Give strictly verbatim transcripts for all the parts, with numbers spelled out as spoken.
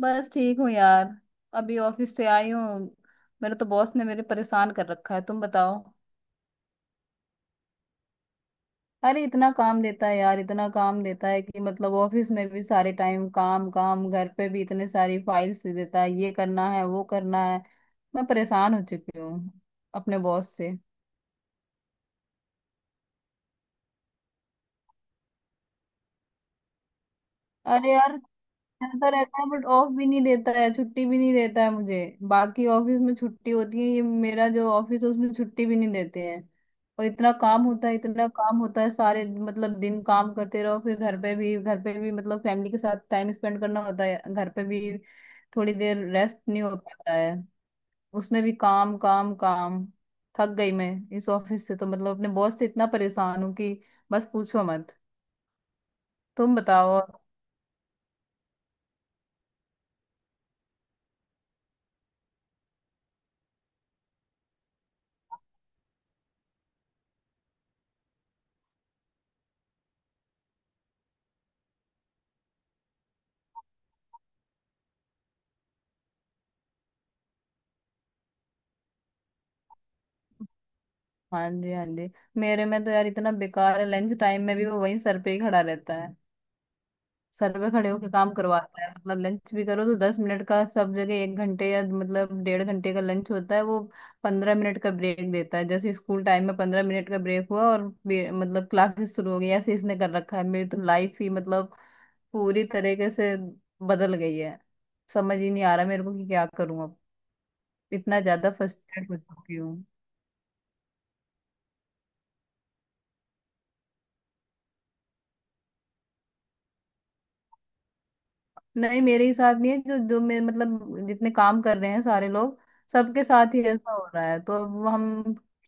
बस ठीक हूँ यार। अभी ऑफिस से आई हूँ। मेरे तो बॉस ने मेरे परेशान कर रखा है। तुम बताओ। अरे इतना काम देता है यार, इतना काम देता है कि मतलब ऑफिस में भी सारे टाइम काम काम, घर पे भी इतने सारी फाइल्स दे देता है, ये करना है वो करना है। मैं परेशान हो चुकी हूँ अपने बॉस से। अरे यार, चलता रहता है बट ऑफ भी नहीं देता है, छुट्टी भी नहीं देता है मुझे। बाकी ऑफिस में छुट्टी होती है, ये मेरा जो ऑफिस है उसमें छुट्टी भी नहीं देते हैं। और इतना काम होता है, इतना काम होता है, सारे मतलब दिन काम करते रहो, फिर घर पे भी, घर पे भी मतलब फैमिली के साथ टाइम स्पेंड करना होता है घर पे भी। थोड़ी देर रेस्ट नहीं हो पाता है, उसमें भी काम काम काम। थक गई मैं। इस ऑफिस से तो मतलब अपने बॉस से इतना परेशान हूँ कि बस पूछो मत। तुम बताओ। हाँ जी, हाँ जी। मेरे में तो यार इतना बेकार है, लंच टाइम में भी वो वहीं सर पे ही खड़ा रहता है। सर पे खड़े होके काम करवाता है, मतलब लंच भी करो तो दस मिनट का। सब जगह एक घंटे या मतलब डेढ़ घंटे का लंच होता है। वो पंद्रह मिनट का ब्रेक देता है, जैसे स्कूल टाइम में पंद्रह मिनट का ब्रेक हुआ और बे- मतलब क्लासेस शुरू हो गई, ऐसे इसने कर रखा है। मेरी तो लाइफ ही मतलब पूरी तरीके से बदल गई है। समझ ही नहीं आ रहा मेरे को कि क्या करूं अब। इतना ज्यादा फ्रस्ट्रेट हो चुकी। नहीं, मेरे ही साथ नहीं है, जो जो मेरे मतलब जितने काम कर रहे हैं सारे लोग, सबके साथ ही ऐसा हो रहा है। तो अब हम,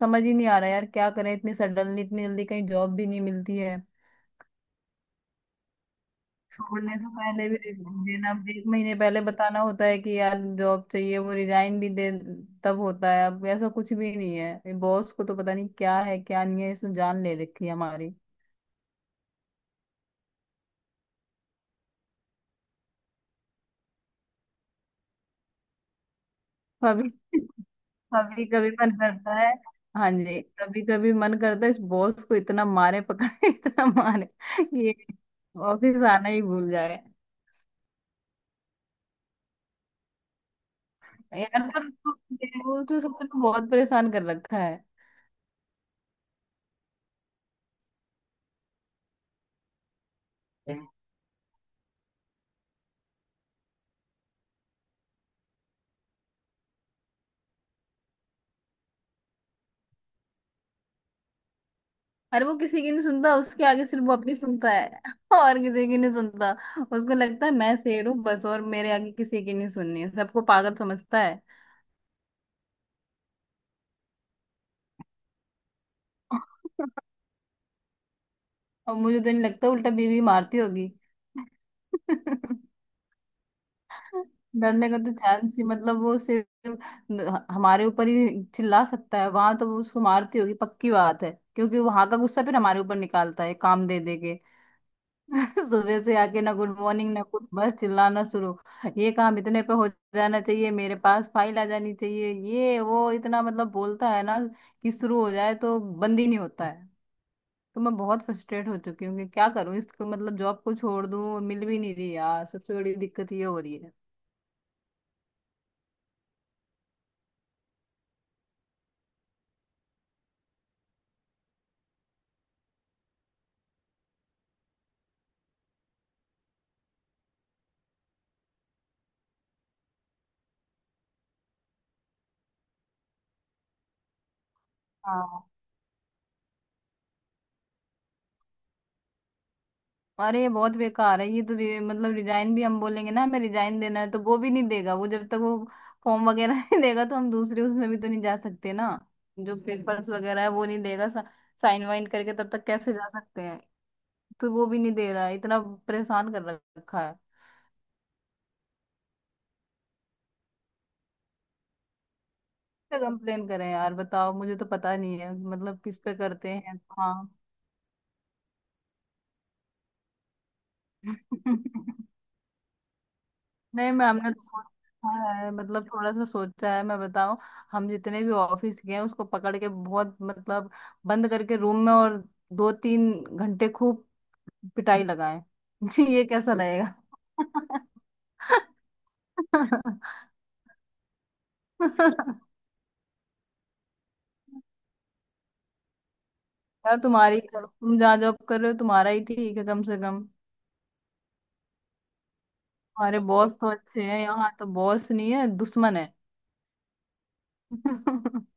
समझ ही नहीं आ रहा यार क्या करें, इतनी सडनली इतनी जल्दी कहीं जॉब भी नहीं मिलती है। छोड़ने से पहले भी दे- देना एक महीने पहले, बताना होता है कि यार जॉब चाहिए, वो रिजाइन भी दे तब होता है। अब ऐसा कुछ भी नहीं है, बॉस को तो पता नहीं क्या है क्या नहीं है, इसने जान ले रखी है हमारी। अभी कभी कभी मन करता है। हाँ जी, कभी कभी मन करता है इस बॉस को इतना मारे, पकड़े इतना मारे कि ये ऑफिस आना ही भूल जाए। यार पर उसको, वो तो सच में बहुत परेशान कर रखा है। अरे वो किसी की नहीं सुनता, उसके आगे सिर्फ वो अपनी सुनता है और किसी की नहीं सुनता। उसको लगता है मैं शेर हूँ बस, और मेरे आगे किसी की नहीं सुननी है, सबको पागल समझता है। और मुझे तो नहीं लगता, उल्टा बीवी मारती होगी। डरने का तो चांस ही, मतलब वो सिर्फ न- हमारे ऊपर ही चिल्ला सकता है, वहां तो वो उसको मारती होगी पक्की बात है, क्योंकि वहां का गुस्सा फिर हमारे ऊपर निकालता है काम दे दे के। सुबह से आके ना गुड मॉर्निंग ना कुछ, बस चिल्लाना शुरू। ये काम इतने पे हो जाना चाहिए, मेरे पास फाइल आ जानी चाहिए, ये वो, इतना मतलब बोलता है ना कि शुरू हो जाए तो बंद ही नहीं होता है। तो मैं बहुत फ्रस्ट्रेट हो चुकी हूँ कि क्या करूँ। इसको मतलब जॉब को छोड़ दूँ, मिल भी नहीं रही यार, सबसे बड़ी दिक्कत ये हो रही है। अरे बहुत बेकार है ये तो, रि, मतलब रिजाइन भी हम बोलेंगे ना, हमें रिजाइन देना है तो वो भी नहीं देगा। वो जब तक वो फॉर्म वगैरह नहीं देगा तो हम दूसरे उसमें भी तो नहीं जा सकते ना। जो पेपर्स वगैरह है वो नहीं देगा, सा, साइन वाइन करके तब तक कैसे जा सकते हैं। तो वो भी नहीं दे रहा है, इतना परेशान कर रखा है। कंप्लेन करें यार, बताओ, मुझे तो पता नहीं है मतलब किस पे करते हैं। हाँ। नहीं मैम ने तो सोचा है, मतलब थोड़ा सा सोचा है, मैं बताऊं। हम जितने भी ऑफिस गए हैं उसको पकड़ के, बहुत मतलब बंद करके रूम में, और दो तीन घंटे खूब पिटाई लगाए। जी ये कैसा रहेगा? यार तुम्हारी करो, तुम जहाँ जॉब कर रहे हो तुम्हारा ही ठीक है कम से कम। हमारे बॉस तो अच्छे हैं, यहाँ तो बॉस नहीं है दुश्मन है।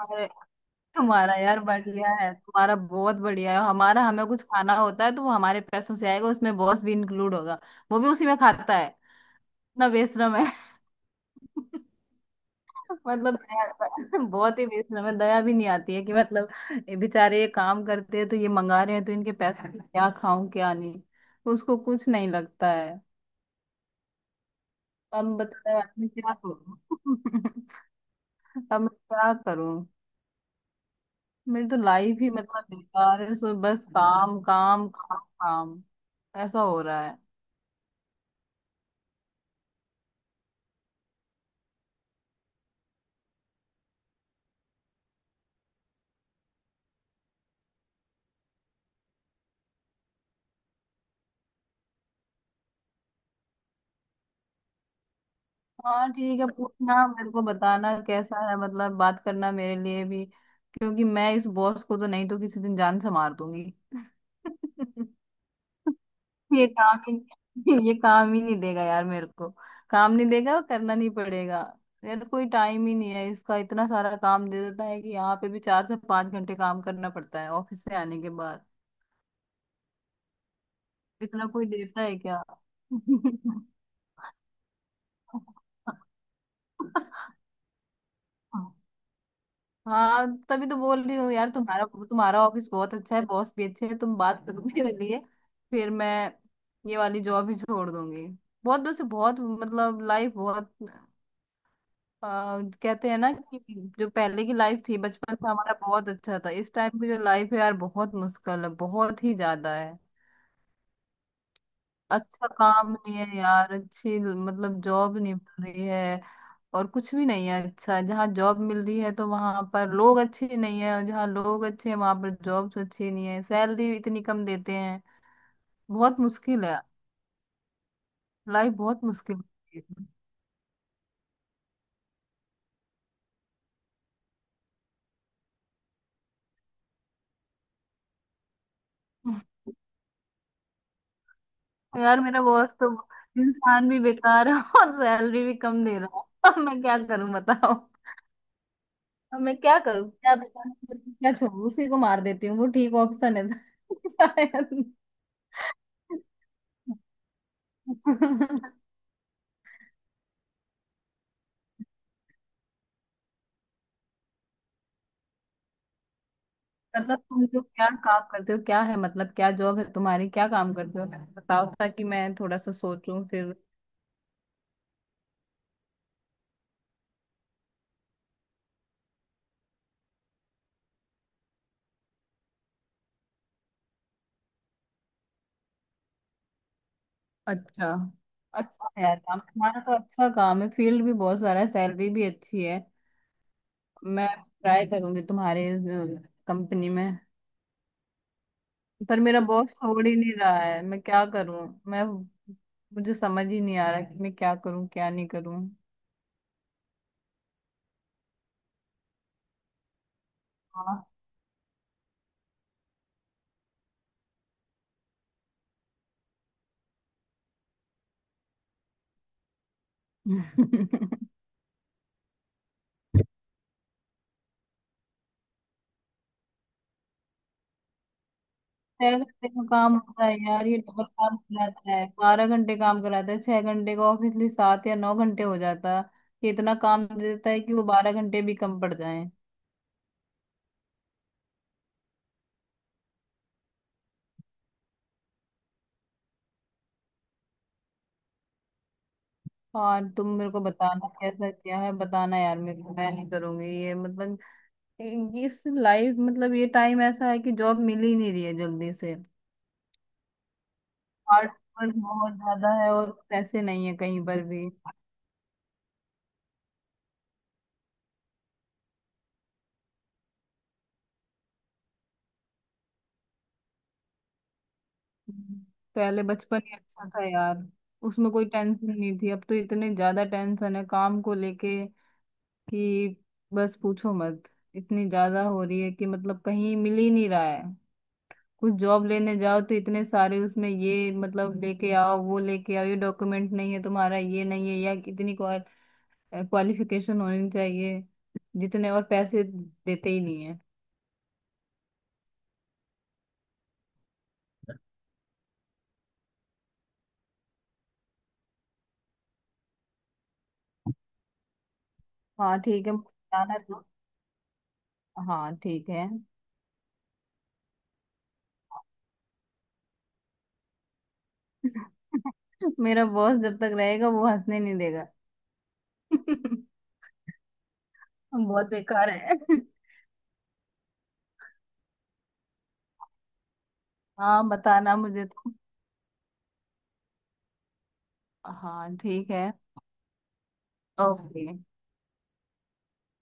हमारे, तुम्हारा यार बढ़िया है, तुम्हारा बहुत बढ़िया है। हमारा, हमें कुछ खाना होता है तो वो हमारे पैसों से आएगा, उसमें बॉस भी इंक्लूड होगा। वो भी उसी में खाता है। इतना बेशरम है। मतलब दया- बहुत ही बेशरम है, दया भी नहीं आती है कि मतलब ये बेचारे ये काम करते हैं, तो ये मंगा रहे हैं तो इनके पैसों से क्या खाऊं क्या नहीं, उसको कुछ नहीं लगता है। अब बताओ यार, मैं क्या करूं? अब मैं क्या करूं। मेरी तो लाइफ ही मतलब बेकार है, सो बस काम काम काम काम ऐसा हो रहा है। हाँ ठीक है, पूछना, मेरे को बताना कैसा है, मतलब बात करना मेरे लिए भी, क्योंकि मैं इस बॉस को तो नहीं तो किसी दिन जान से मार दूंगी। ये काम ही ये काम ही नहीं देगा यार मेरे को, काम नहीं देगा और करना नहीं पड़ेगा। यार कोई टाइम ही नहीं है, इसका इतना सारा काम दे देता है कि यहाँ पे भी चार से पांच घंटे काम करना पड़ता है ऑफिस से आने के बाद। इतना कोई देता है क्या? हाँ तभी तो बोल रही हूँ यार, तुम्हारा तुम्हारा ऑफिस बहुत अच्छा है, बॉस भी अच्छे हैं, तुम बात करो मेरे लिए, फिर मैं ये वाली जॉब ही छोड़ दूंगी। बहुत वैसे बहुत मतलब लाइफ बहुत, आ, कहते हैं ना कि जो पहले की लाइफ थी बचपन में हमारा बहुत अच्छा था, इस टाइम की जो लाइफ है यार बहुत मुश्किल है, बहुत ही ज्यादा है। अच्छा काम नहीं है यार, अच्छी मतलब जॉब नहीं मिल रही है और कुछ भी नहीं है अच्छा। जहाँ जॉब मिल रही है तो वहां पर लोग अच्छे नहीं है, और जहाँ लोग अच्छे हैं वहां पर जॉब्स अच्छी नहीं है, सैलरी इतनी कम देते हैं। बहुत मुश्किल है, लाइफ बहुत मुश्किल है। यार मेरा बॉस तो इंसान भी बेकार है और सैलरी भी कम दे रहा है, अब मैं क्या करूं बताओ। अब मैं क्या करूं, क्या बेकार करूं, क्या छोड़ू, उसी को मार देती हूँ वो ठीक ऑप्शन है शायद। मतलब तुम लोग क्या काम करते हो, क्या है मतलब क्या जॉब है तुम्हारी, क्या काम करते हो बताओ, ताकि मैं थोड़ा सा सोचूं फिर। अच्छा, अच्छा है यार काम, तुम्हारा तो अच्छा काम है, फील्ड भी बहुत सारा है, सैलरी भी अच्छी है। मैं ट्राई करूंगी तुम्हारे कंपनी में, पर मेरा बॉस छोड़ ही नहीं रहा है, मैं क्या करूं? मैं, मुझे समझ ही नहीं आ रहा कि मैं क्या करूं क्या नहीं करूं। हाँ। छह घंटे का काम होता है यार, ये डबल काम कराता है, बारह घंटे काम कराता है। छह घंटे का ऑफिसली सात या नौ घंटे हो जाता है। ये इतना काम दे देता है कि वो बारह घंटे भी कम पड़ जाए। और तुम मेरे को बताना कैसा क्या है, बताना यार मेरे को, मैं नहीं करूंगी ये मतलब ये- इस लाइफ, मतलब ये टाइम ऐसा है कि जॉब मिल ही नहीं रही है जल्दी से। हार्ड वर्क बहुत ज्यादा है, और पैसे नहीं है कहीं पर भी। पहले बचपन ही अच्छा था यार, उसमें कोई टेंशन नहीं थी। अब तो इतने ज्यादा टेंशन है काम को लेके कि बस पूछो मत। इतनी ज्यादा हो रही है कि मतलब कहीं मिल ही नहीं रहा है। कुछ जॉब लेने जाओ तो इतने सारे उसमें ये मतलब लेके आओ वो लेके आओ, ये डॉक्यूमेंट नहीं है तुम्हारा ये नहीं है, या कितनी क्वालिफिकेशन होनी चाहिए, जितने और पैसे देते ही नहीं है। हाँ ठीक है, मुझे जाना है तो। हाँ ठीक है। मेरा बॉस जब तक रहेगा वो हंसने नहीं देगा। बहुत बेकार है। हाँ बताना मुझे तो। हाँ ठीक है। ओके।